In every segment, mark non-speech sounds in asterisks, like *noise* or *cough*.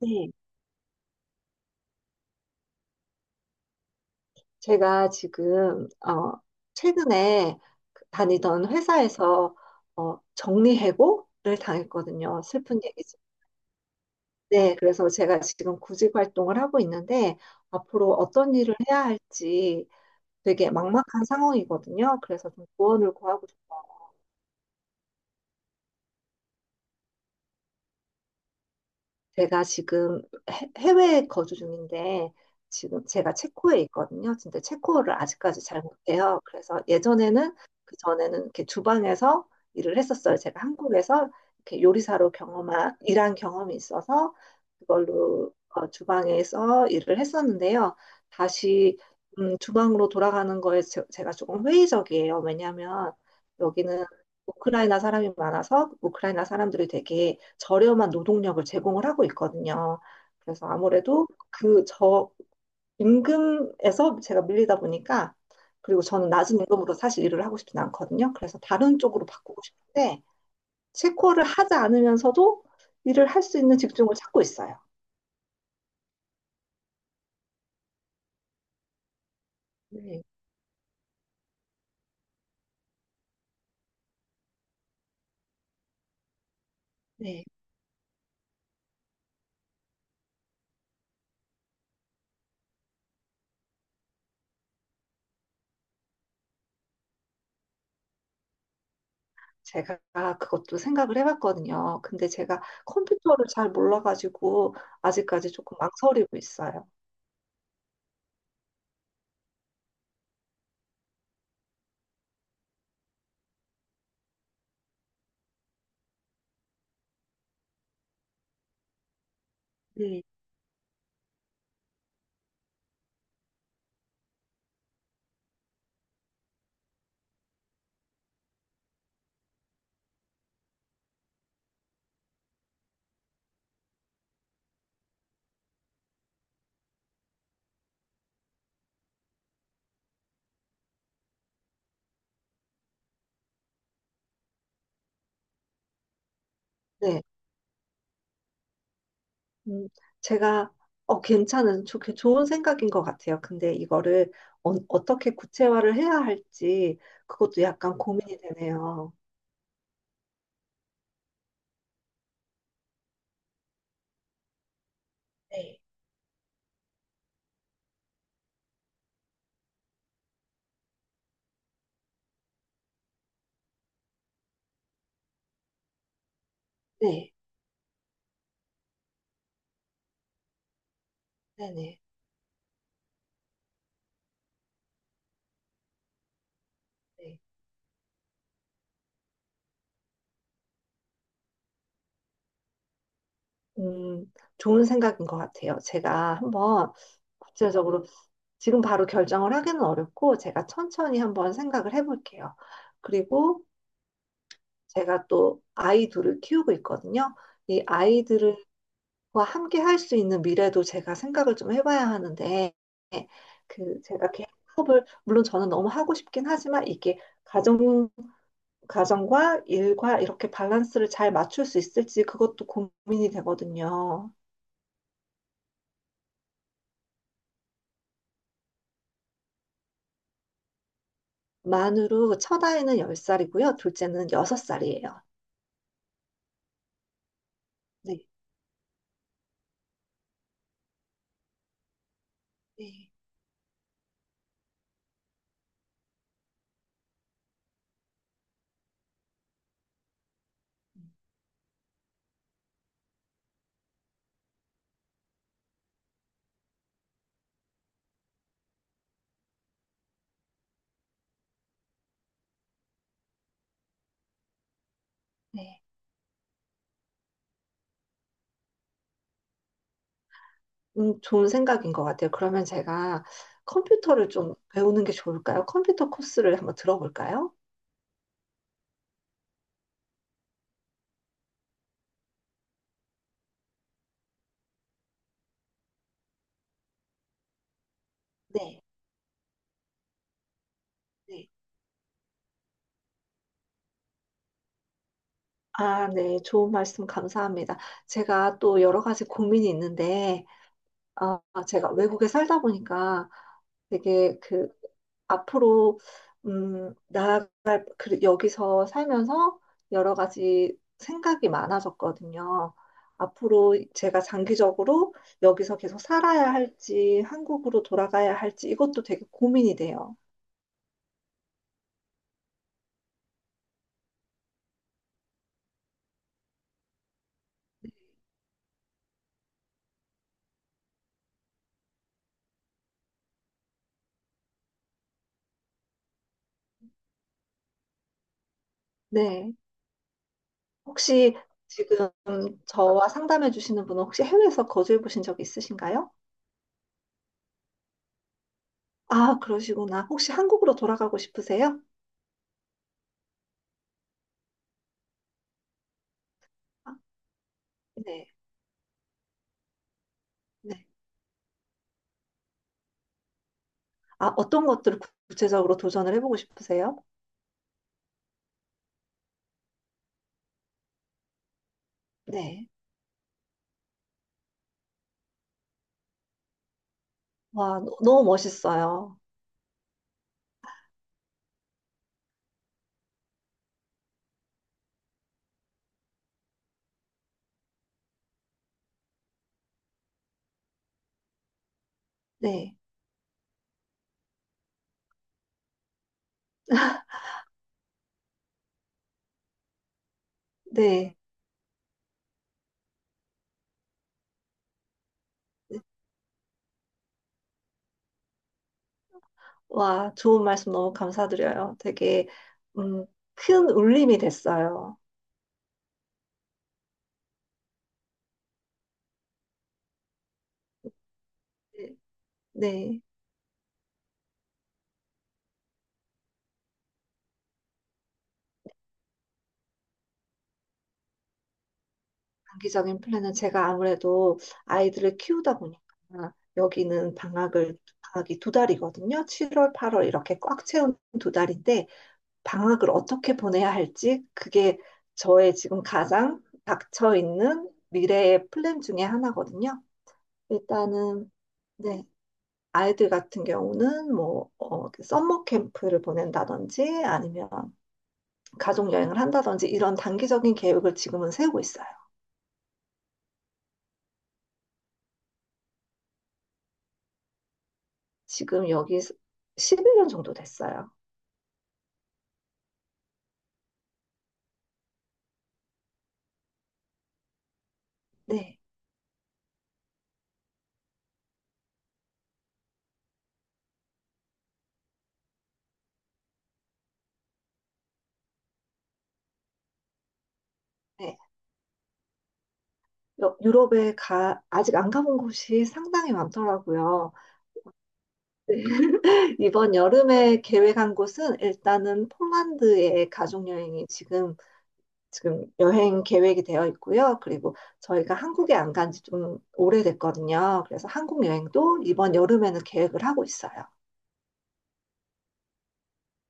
네, 제가 지금 최근에 다니던 회사에서 정리해고를 당했거든요. 슬픈 얘기죠. 네, 그래서 제가 지금 구직 활동을 하고 있는데 앞으로 어떤 일을 해야 할지 되게 막막한 상황이거든요. 그래서 좀 조언을 구하고 싶어요. 제가 지금 해외에 거주 중인데 지금 제가 체코에 있거든요. 근데 체코어를 아직까지 잘 못해요. 그래서 예전에는 그 전에는 이렇게 주방에서 일을 했었어요. 제가 한국에서 이렇게 요리사로 경험한 일한 경험이 있어서 그걸로 주방에서 일을 했었는데요. 다시 주방으로 돌아가는 거에 제가 조금 회의적이에요. 왜냐하면 여기는 우크라이나 사람이 많아서 우크라이나 사람들이 되게 저렴한 노동력을 제공을 하고 있거든요. 그래서 아무래도 그 저 임금에서 제가 밀리다 보니까 그리고 저는 낮은 임금으로 사실 일을 하고 싶진 않거든요. 그래서 다른 쪽으로 바꾸고 싶은데 체코를 하지 않으면서도 일을 할 수 있는 직종을 찾고 있어요. 네. 네. 제가 그것도 생각을 해봤거든요. 근데 제가 컴퓨터를 잘 몰라가지고 아직까지 조금 망설이고 있어요. 네. 네. 음, 제가 괜찮은 좋은 생각인 것 같아요. 근데 이거를 어떻게 구체화를 해야 할지 그것도 약간 고민이 되네요. 네. 네, 네네. 네. 음, 좋은 생각인 것 같아요. 제가 한번 구체적으로 지금 바로 결정을 하기는 어렵고 제가 천천히 한번 생각을 해볼게요. 그리고 제가 또 아이 둘을 키우고 있거든요. 이 아이들을 와, 함께 할 수 있는 미래도 제가 생각을 좀 해봐야 하는데, 그, 제가 개인 사업을, 물론 저는 너무 하고 싶긴 하지만, 이게 가정, 가정과 일과 이렇게 밸런스를 잘 맞출 수 있을지 그것도 고민이 되거든요. 만으로 첫 아이는 열 살이고요 둘째는 여섯 살이에요. 네. 네. 네. 좋은 생각인 것 같아요. 그러면 제가 컴퓨터를 좀 배우는 게 좋을까요? 컴퓨터 코스를 한번 들어볼까요? 네. 네. 아, 네. 좋은 말씀 감사합니다. 제가 또 여러 가지 고민이 있는데, 어, 제가 외국에 살다 보니까 되게 그 앞으로 나아갈 여기서 살면서 여러 가지 생각이 많아졌거든요. 앞으로 제가 장기적으로 여기서 계속 살아야 할지, 한국으로 돌아가야 할지 이것도 되게 고민이 돼요. 네. 혹시 지금 저와 상담해 주시는 분은 혹시 해외에서 거주해 보신 적 있으신가요? 아, 그러시구나. 혹시 한국으로 돌아가고 싶으세요? 아, 네, 네. 아, 어떤 것들을 구체적으로 도전을 해보고 싶으세요? 네. 와, 너무 멋있어요. 네, *laughs* 네. 와, 좋은 말씀 너무 감사드려요. 되게, 음, 큰 울림이 됐어요. 네. 네. 장기적인 플랜은 제가 아무래도 아이들을 키우다 보니까 여기는 방학을 방학이 두 달이거든요. 7월, 8월 이렇게 꽉 채운 두 달인데 방학을 어떻게 보내야 할지 그게 저의 지금 가장 닥쳐 있는 미래의 플랜 중에 하나거든요. 일단은 네. 아이들 같은 경우는 뭐 그 썸머 캠프를 보낸다든지 아니면 가족 여행을 한다든지 이런 단기적인 계획을 지금은 세우고 있어요. 지금 여기 11년 정도 됐어요. 네. 네. 유럽에 가, 아직 안 가본 곳이 상당히 많더라고요. 네. *laughs* 이번 여름에 계획한 곳은 일단은 폴란드의 가족여행이 지금, 지금 여행 계획이 되어 있고요. 그리고 저희가 한국에 안 간지 좀 오래됐거든요. 그래서 한국 여행도 이번 여름에는 계획을 하고 있어요.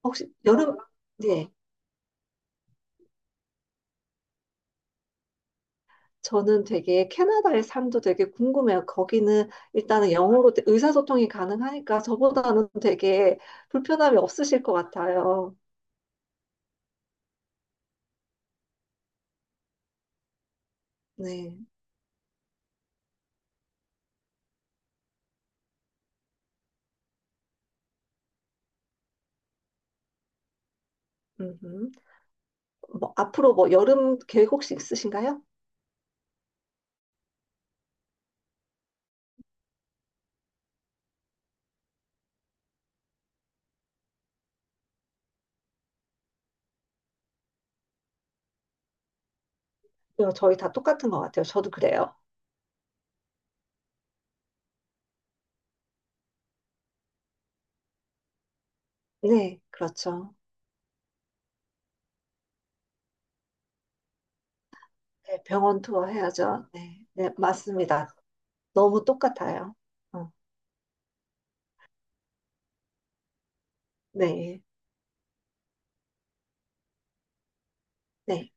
혹시 여름, 네. 저는 되게 캐나다의 삶도 되게 궁금해요. 거기는 일단은 영어로 의사소통이 가능하니까 저보다는 되게 불편함이 없으실 것 같아요. 네. 음흠. 뭐 앞으로 뭐 여름 계획 혹시 있으신가요? 어, 저희 다 똑같은 것 같아요. 저도 그래요. 네, 그렇죠. 네, 병원 투어 해야죠. 네, 네, 맞습니다. 너무 똑같아요. 어, 네, 네.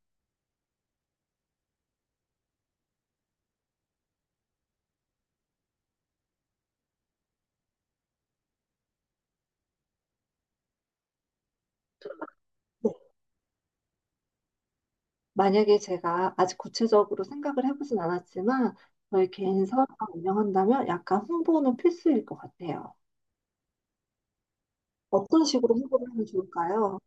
만약에 제가 아직 구체적으로 생각을 해보진 않았지만 저희 개인 사업을 운영한다면 약간 홍보는 필수일 것 같아요. 어떤 식으로 홍보를 하면 좋을까요?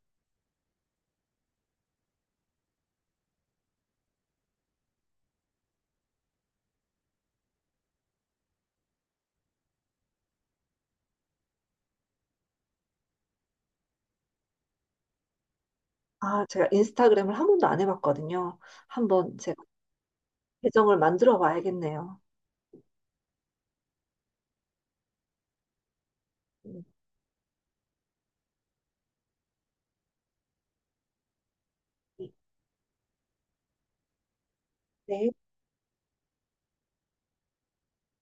아, 제가 인스타그램을 한 번도 안 해봤거든요. 한번 제가 계정을 만들어 봐야겠네요. 음, 네.